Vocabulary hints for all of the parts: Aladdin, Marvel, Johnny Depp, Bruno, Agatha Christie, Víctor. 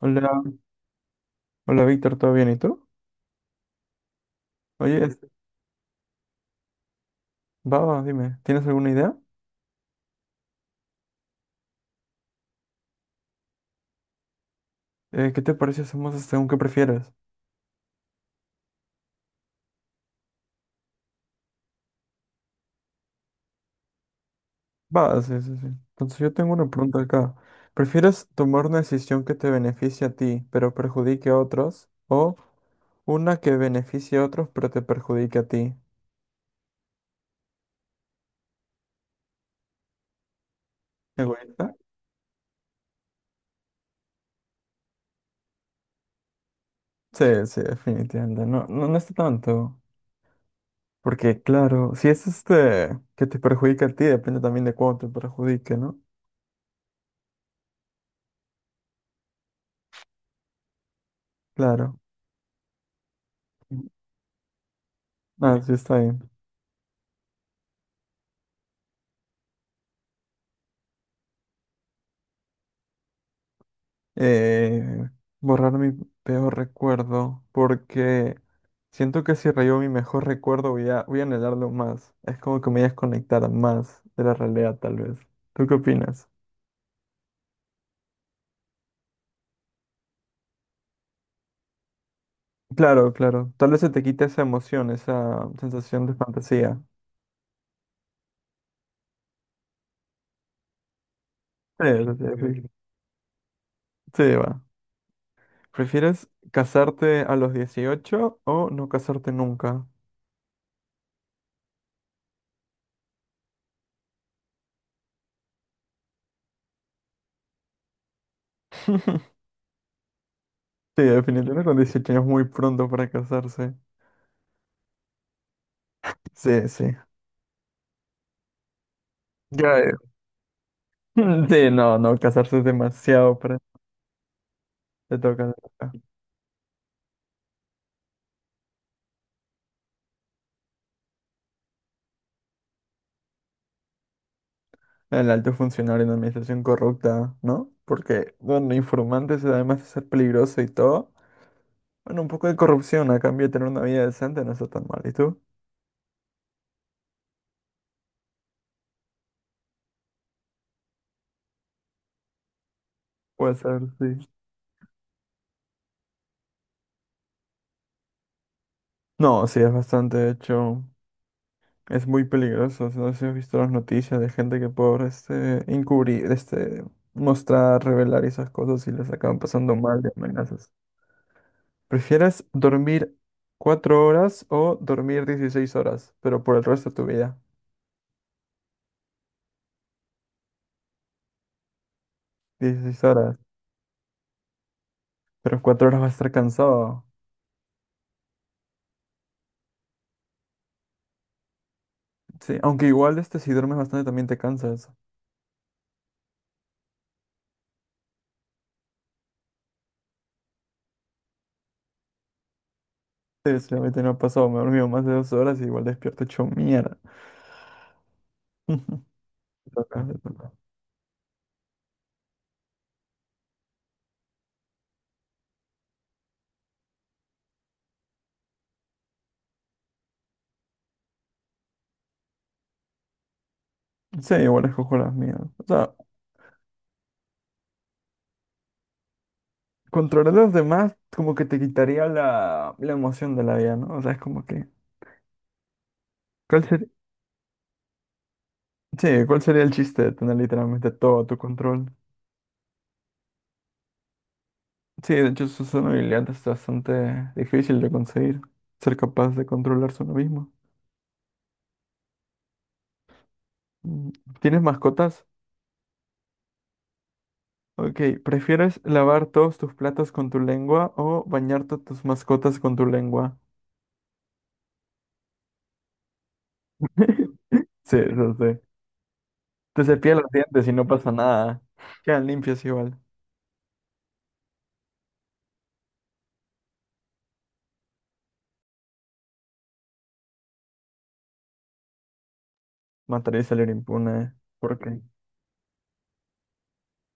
Hola, hola Víctor, ¿todo bien? ¿Y tú? Oye, este, va, va, dime, ¿tienes alguna idea? ¿Qué te parece si hacemos según qué prefieres? Va, sí, sí, sí. Entonces yo tengo una pregunta acá. ¿Prefieres tomar una decisión que te beneficie a ti, pero perjudique a otros? ¿O una que beneficie a otros, pero te perjudique a ti? ¿Egoísta? Sí, sí, definitivamente. No, no, no está tanto. Porque claro, si es este que te perjudica a ti, depende también de cuánto te perjudique, ¿no? Claro. Ah, sí, está bien. eh, borrar mi peor recuerdo, porque siento que si rayo mi mejor recuerdo voy a anhelarlo más. Es como que me voy a desconectar más de la realidad, tal vez. ¿Tú qué opinas? Claro, claro. Tal vez se te quite esa emoción, esa sensación de fantasía. Sí, sí, sí, sí, va. ¿Prefieres casarte a los 18 o no casarte nunca? Sí, definitivamente con 18 años es muy pronto para casarse. Sí, sí. Ya, sí, no, no, casarse es demasiado para te toca te toca. El alto funcionario en administración corrupta, ¿no? Porque, bueno, informantes además de ser peligroso y todo, bueno, un poco de corrupción a cambio de tener una vida decente no está tan mal. ¿Y tú? Puede ser, sí. No, sí, es bastante, de hecho, es muy peligroso. No sé si has visto las noticias de gente que por este encubrir, este mostrar, revelar esas cosas y les acaban pasando mal de amenazas. ¿Prefieres dormir 4 horas o dormir 16 horas, pero por el resto de tu vida? 16 horas, pero 4 horas vas a estar cansado. Sí, aunque igual este si duermes bastante también te cansas. Sí, sí, a mí también me ha pasado, me he dormido más de 2 horas y igual despierto hecho mierda. Te toca, te toca. Sí, igual escojo las mías. O sea, controlar a los demás como que te quitaría la emoción de la vida, ¿no? O sea, es como que... ¿Cuál sería? Sí, ¿cuál sería el chiste de tener literalmente todo a tu control? Sí, de hecho su zona habilidad es bastante difícil de conseguir, ser capaz de controlarse uno mismo. Mm, ¿tienes mascotas? Ok, ¿prefieres lavar todos tus platos con tu lengua o bañarte tus mascotas con tu lengua? Sí, eso sí. Te cepillas los dientes y no pasa nada. Quedan limpios igual. Matar y salir impune. Porque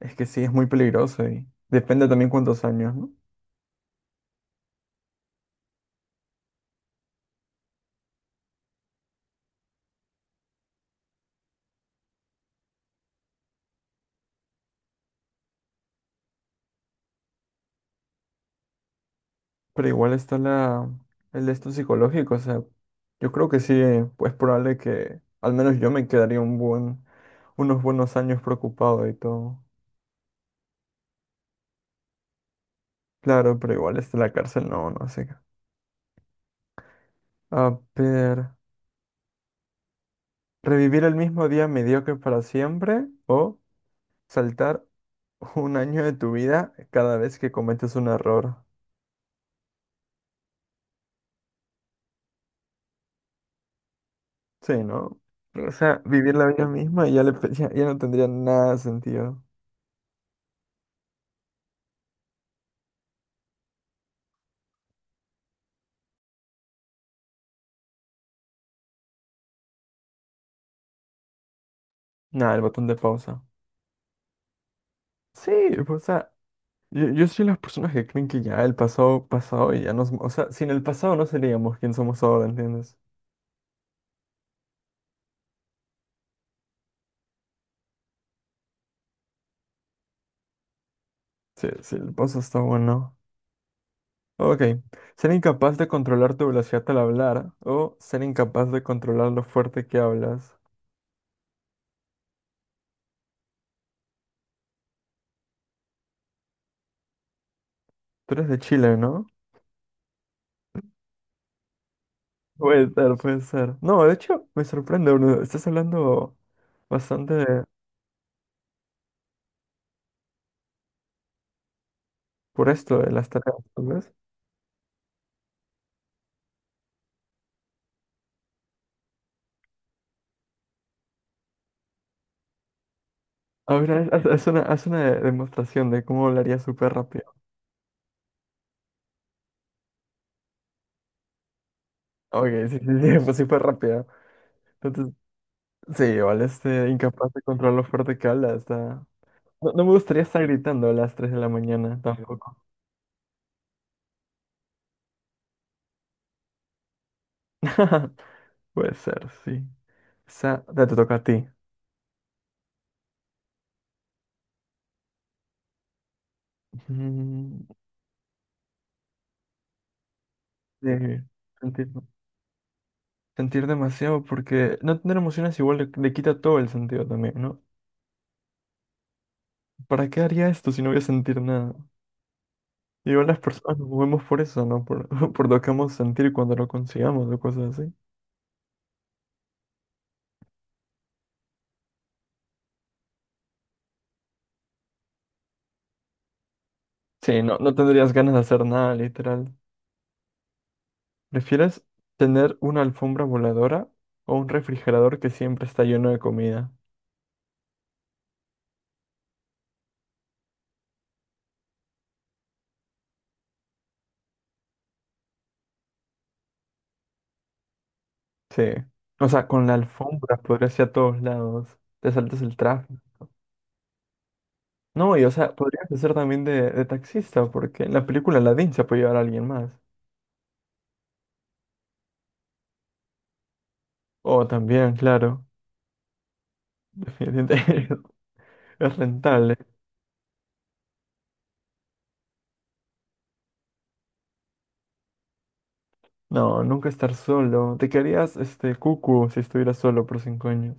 es que sí, es muy peligroso y depende también cuántos años, ¿no? Pero igual está la, el de esto psicológico, o sea, yo creo que sí, pues probable que al menos yo me quedaría un buen, unos buenos años preocupado y todo. Claro, pero igual está la cárcel, no, no sé. A ver, ¿revivir el mismo día mediocre para siempre o saltar un año de tu vida cada vez que cometes un error? Sí, ¿no? O sea, vivir la vida misma y ya, ya, ya no tendría nada de sentido. Nada, el botón de pausa. Sí, pues, o sea, yo soy las personas que creen que ya el pasado, pasado y ya nos... O sea, sin el pasado no seríamos quien somos ahora, ¿entiendes? Sí, sí, el pasado está bueno. Ok. Ser incapaz de controlar tu velocidad al hablar o ser incapaz de controlar lo fuerte que hablas. Tú eres de Chile, ¿no? Puede ser, puede ser. No, de hecho, me sorprende, Bruno. Estás hablando bastante de- por esto de las tareas, tal vez. A ver, haz una demostración de cómo hablaría súper rápido. Ok, sí, sí, sí, pues súper rápido. Sí, igual este incapaz de controlar lo fuerte que habla. Está... No, no me gustaría estar gritando a las 3 de la mañana tampoco. Puede ser, sí. Esa, ya te toca a ti. Mm, sí, sentir, sentir demasiado porque no tener emociones igual le quita todo el sentido también, ¿no? ¿Para qué haría esto si no voy a sentir nada? Igual las personas nos movemos por eso, ¿no? Por, por lo que vamos a sentir cuando lo consigamos o cosas así. Sí, no, no tendrías ganas de hacer nada, literal. ¿Prefieres tener una alfombra voladora o un refrigerador que siempre está lleno de comida? Sí. O sea, con la alfombra podrías ir a todos lados. Te saltas el tráfico. No, y o sea, podrías hacer también de taxista, porque en la película Aladdin se puede llevar a alguien más. O también, claro. Definitivamente es rentable. No, nunca estar solo. Te quedarías este cucu si estuvieras solo por 5 años.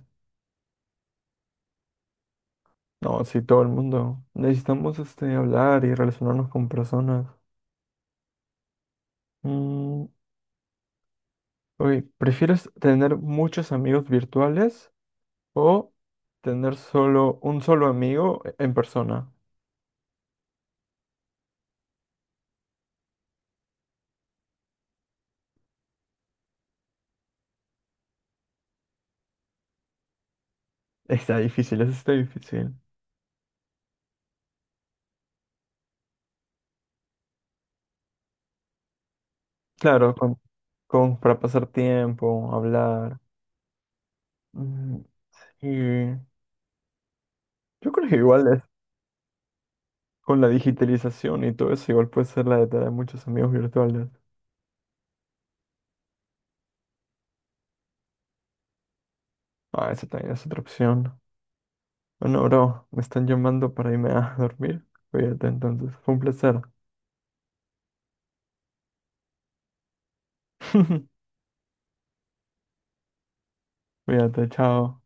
No, sí, todo el mundo. Necesitamos este hablar y relacionarnos con personas. Mm, oye, ¿prefieres tener muchos amigos virtuales o tener solo un solo amigo en persona? Está difícil, eso está difícil. Claro, para pasar tiempo, hablar. Mm, y yo creo que igual es con la digitalización y todo eso, igual puede ser la de tener muchos amigos virtuales. Ah, esa también es otra opción. Bueno, bro, me están llamando para irme a dormir. Cuídate entonces, fue un placer. Cuídate, chao.